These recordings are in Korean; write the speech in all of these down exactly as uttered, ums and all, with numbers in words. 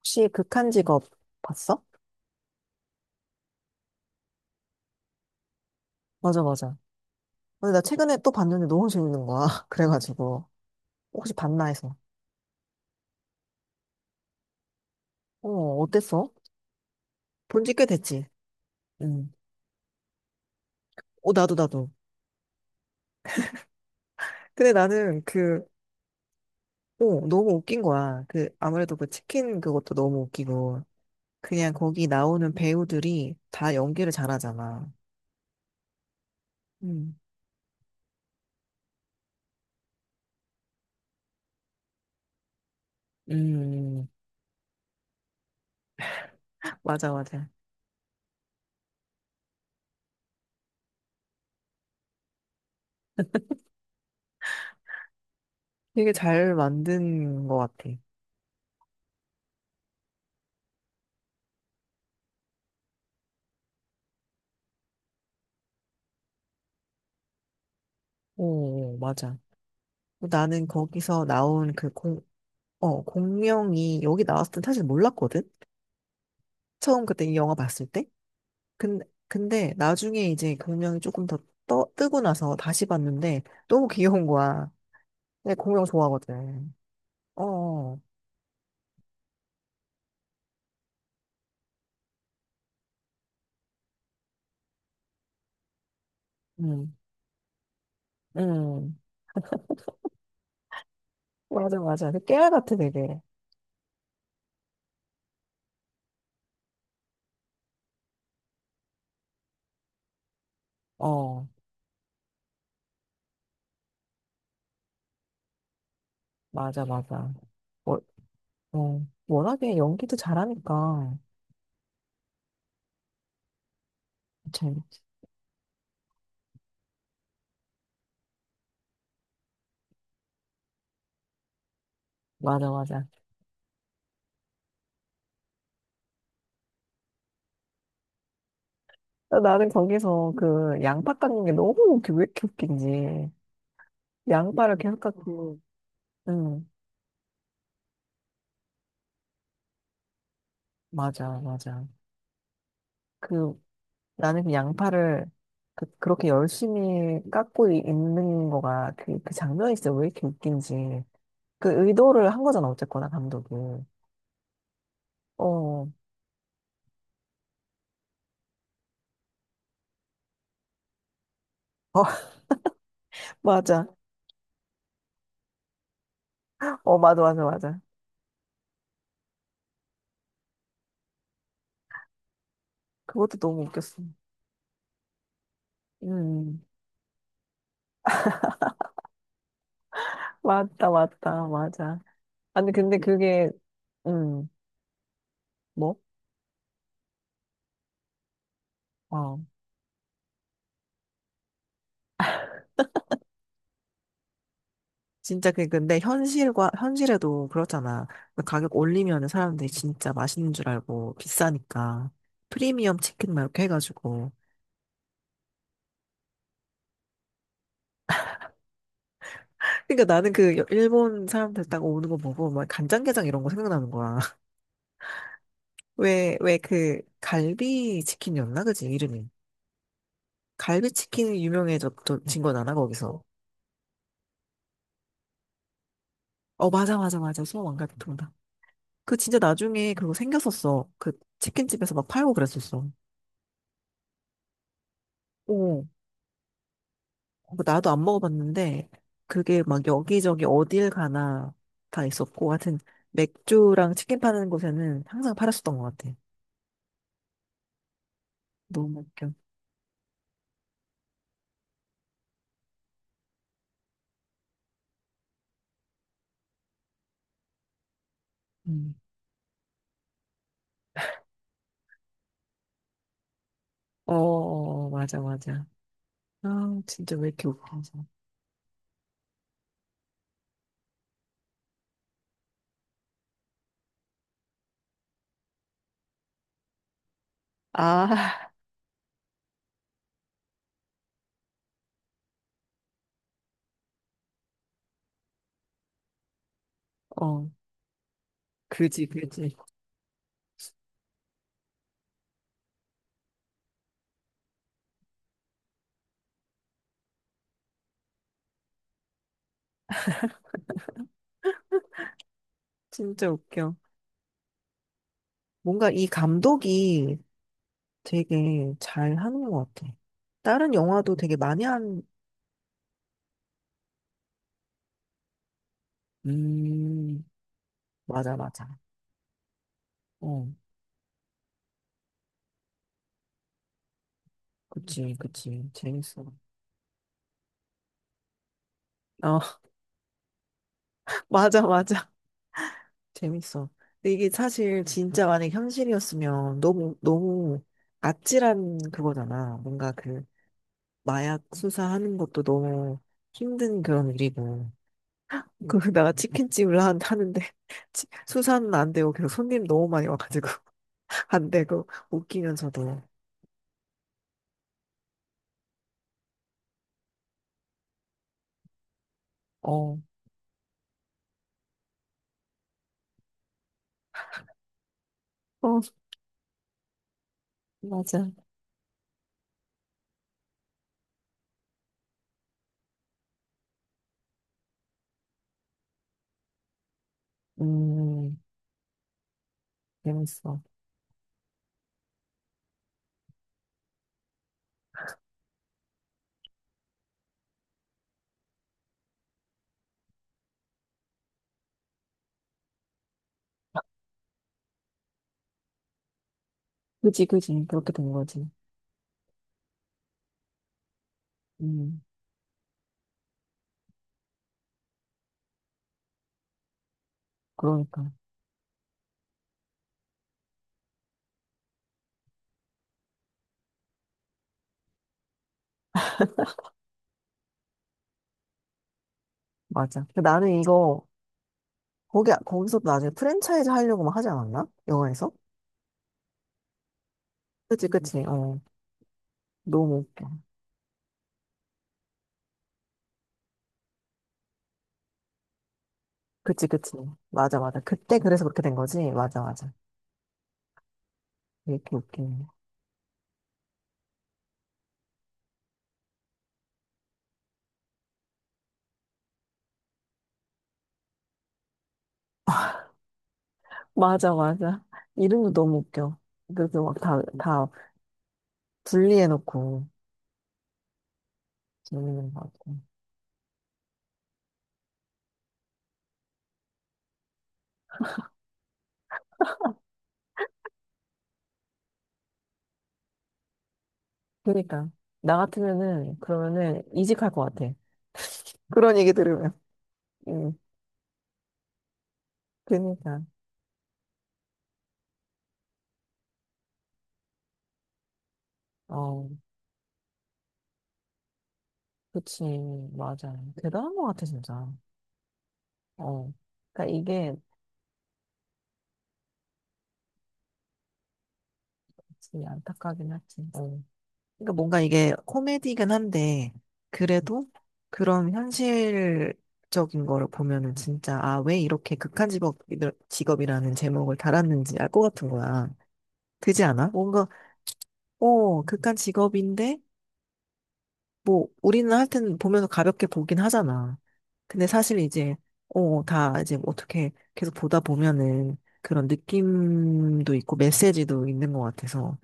혹시 극한 직업 봤어? 맞아, 맞아. 근데 나 최근에 또 봤는데 너무 재밌는 거야. 그래가지고. 혹시 봤나 해서. 어, 어땠어? 본지 꽤 됐지. 응. 어, 나도, 나도. 근데 나는 그, 어, 너무 웃긴 거야. 그, 아무래도 그 치킨 그것도 너무 웃기고. 그냥 거기 나오는 배우들이 다 연기를 잘하잖아. 음, 음, 맞아, 맞아. 되게 잘 만든 것 같아. 오, 맞아. 나는 거기서 나온 그 공, 어, 공명이 여기 나왔을 땐 사실 몰랐거든? 처음 그때 이 영화 봤을 때? 근데, 근데 나중에 이제 공명이 조금 더 떠, 뜨고 나서 다시 봤는데 너무 귀여운 거야. 내 공명 좋아하거든. 어, 음, 음. 맞아, 맞아. 그 깨알 같아, 되게. 어, 맞아, 맞아. 워, 어, 워낙에 연기도 잘하니까. 참, 맞아, 맞아. 어, 나는 거기서 그 양파 깎는 게 너무 웃기, 왜 이렇게 웃긴지. 양파를 계속 깎고. 응. 맞아, 맞아. 그, 나는 그 양파를 그, 그렇게 열심히 깎고 이- 있는 거가 그, 그 장면이 진짜 왜 이렇게 웃긴지. 그 의도를 한 거잖아, 어쨌거나, 감독이. 어, 어, 맞아. 어, 맞아, 맞아, 맞아. 그것도 너무 웃겼어. 음, 음. 맞다, 맞다, 맞아. 아니, 근데 그게, 음, 뭐? 어. 진짜 그 그 근데 현실과 현실에도 그렇잖아. 그 가격 올리면 사람들이 진짜 맛있는 줄 알고 비싸니까 프리미엄 치킨 막 이렇게 해가지고. 그러니까 나는 그 여- 일본 사람들 딱 오는 거 보고 막 간장게장 이런 거 생각나는 거야. 왜 왜 그 갈비 치킨이었나, 그지 이름이? 갈비 치킨이 유명해졌진 거잖아 거기서. 어, 맞아, 맞아, 맞아, 소왕갈비 통닭. 그 진짜 나중에 그거 생겼었어. 그 치킨집에서 막 팔고 그랬었어. 어, 뭐, 나도 안 먹어봤는데 그게 막 여기저기 어딜 가나 다 있었고, 하여튼 맥주랑 치킨 파는 곳에는 항상 팔았었던 것 같아. 너무 웃겨. 음. 어, 어, 어, 맞아, 맞아. 아, 진짜 왜 이렇게 웃기지? 아, 어, 그지, 그지. 진짜 웃겨. 뭔가 이 감독이 되게 잘 하는 것 같아. 다른 영화도 되게 많이 한, 음, 맞아, 맞아. 어, 그치, 그치. 재밌어. 어, 맞아, 맞아. 재밌어. 근데 이게 사실 진짜 만약 현실이었으면 너무, 너무 아찔한 그거잖아. 뭔가 그 마약 수사하는 것도 너무 힘든 그런 일이고. 그, 내가 치킨집을 한- 하는데, 치- 수사는 안 되고, 계속 손님 너무 많이 와가지고, 안 되고, 웃기면서도. 어, 어, 맞아. 음, 재밌어. 그지, 그지. 그렇게 된 거지. 음, 그러니까. 맞아. 나는 이거, 거기, 거기서 나중에 프랜차이즈 하려고 막 하지 않았나? 영화에서? 그치, 그치. 어, 너무 웃겨. 그치, 그치. 맞아, 맞아. 그때 그래서 그렇게 된 거지? 맞아, 맞아. 왜 이렇게 웃기네. 맞아, 맞아. 이름도 너무 웃겨. 그래서 막 다, 다 분리해놓고 재밌는 것 같고. 그니까. 러나 같으면은, 그러면은 이직할 것 같아. 그런 얘기 들으면. 응, 그니까. 어, 그치. 맞아. 대단한 것 같아, 진짜. 어. 그니까 이게, 진짜 안타깝긴 하지. 어. 그러니까 뭔가 이게 코미디긴 한데, 그래도 그런 현실적인 거를 보면은 진짜, 아, 왜 이렇게 극한 직업, 직업이라는 제목을 달았는지 알 것 같은 거야. 그지 않아? 뭔가, 어, 극한 직업인데, 뭐, 우리는 하여튼 보면서 가볍게 보긴 하잖아. 근데 사실 이제, 어, 다 이제 어떻게 계속 보다 보면은 그런 느낌도 있고 메시지도 있는 것 같아서.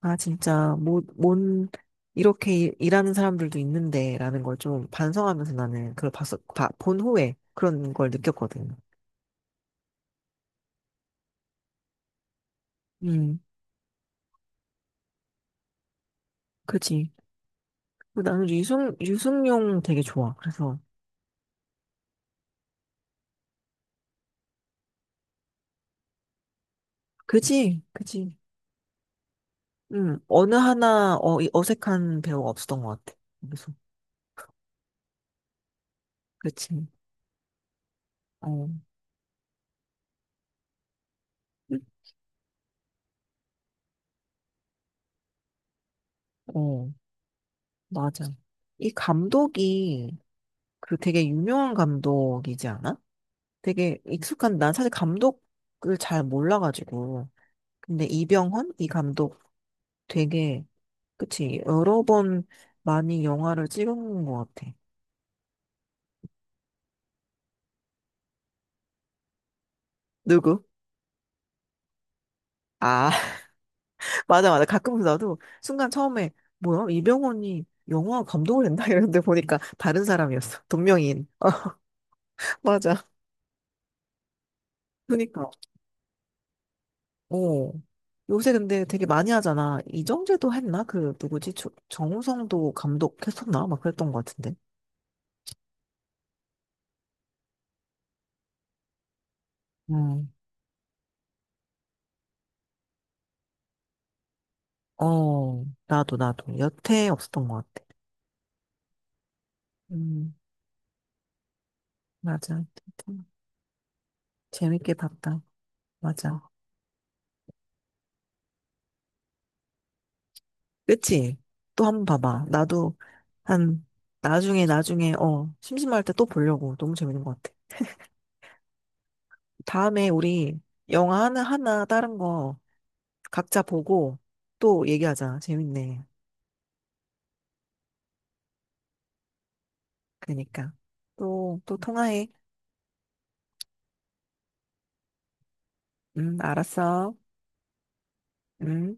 아, 진짜, 뭐, 뭔, 이렇게 일- 일하는 사람들도 있는데, 라는 걸 좀 반성하면서 나는 그걸 봤어, 봐, 본 후에 그런 걸 느꼈거든. 음, 그치. 그리고 나는 유승, 유승용 되게 좋아. 그래서, 그치, 그치. 음, 어느 하나 어, 이 어색한 배우가 없었던 것 같아. 그래서, 그치. 어, 음, 어, 맞아. 이 감독이 그 되게 유명한 감독이지 않아? 되게 익숙한, 난 사실 감독을 잘 몰라가지고. 근데 이병헌? 이 감독 되게, 그치, 여러 번 많이 영화를 찍은 것 같아. 누구? 아, 맞아, 맞아. 가끔 나도 순간 처음에, 뭐야, 이병헌이 영화 감독을 했나? 이랬는데 보니까 다른 사람이었어. 동명이인. 어, 맞아. 그니까, 어. 요새 근데 되게 많이 하잖아. 이정재도 했나? 그, 누구지? 조- 정우성도 감독했었나? 막 그랬던 것 같은데. 음, 어, 나도, 나도. 여태 없었던 것 같아. 음, 맞아. 재밌게 봤다. 맞아. 그치? 또 한 번 봐봐. 나도 한, 나중에, 나중에, 어, 심심할 때 또 보려고. 너무 재밌는 것 같아. 다음에 우리 영화 하나, 하나, 다른 거 각자 보고 또 얘기하자. 재밌네. 그러니까. 또, 또 통화해. 음, 알았어. 음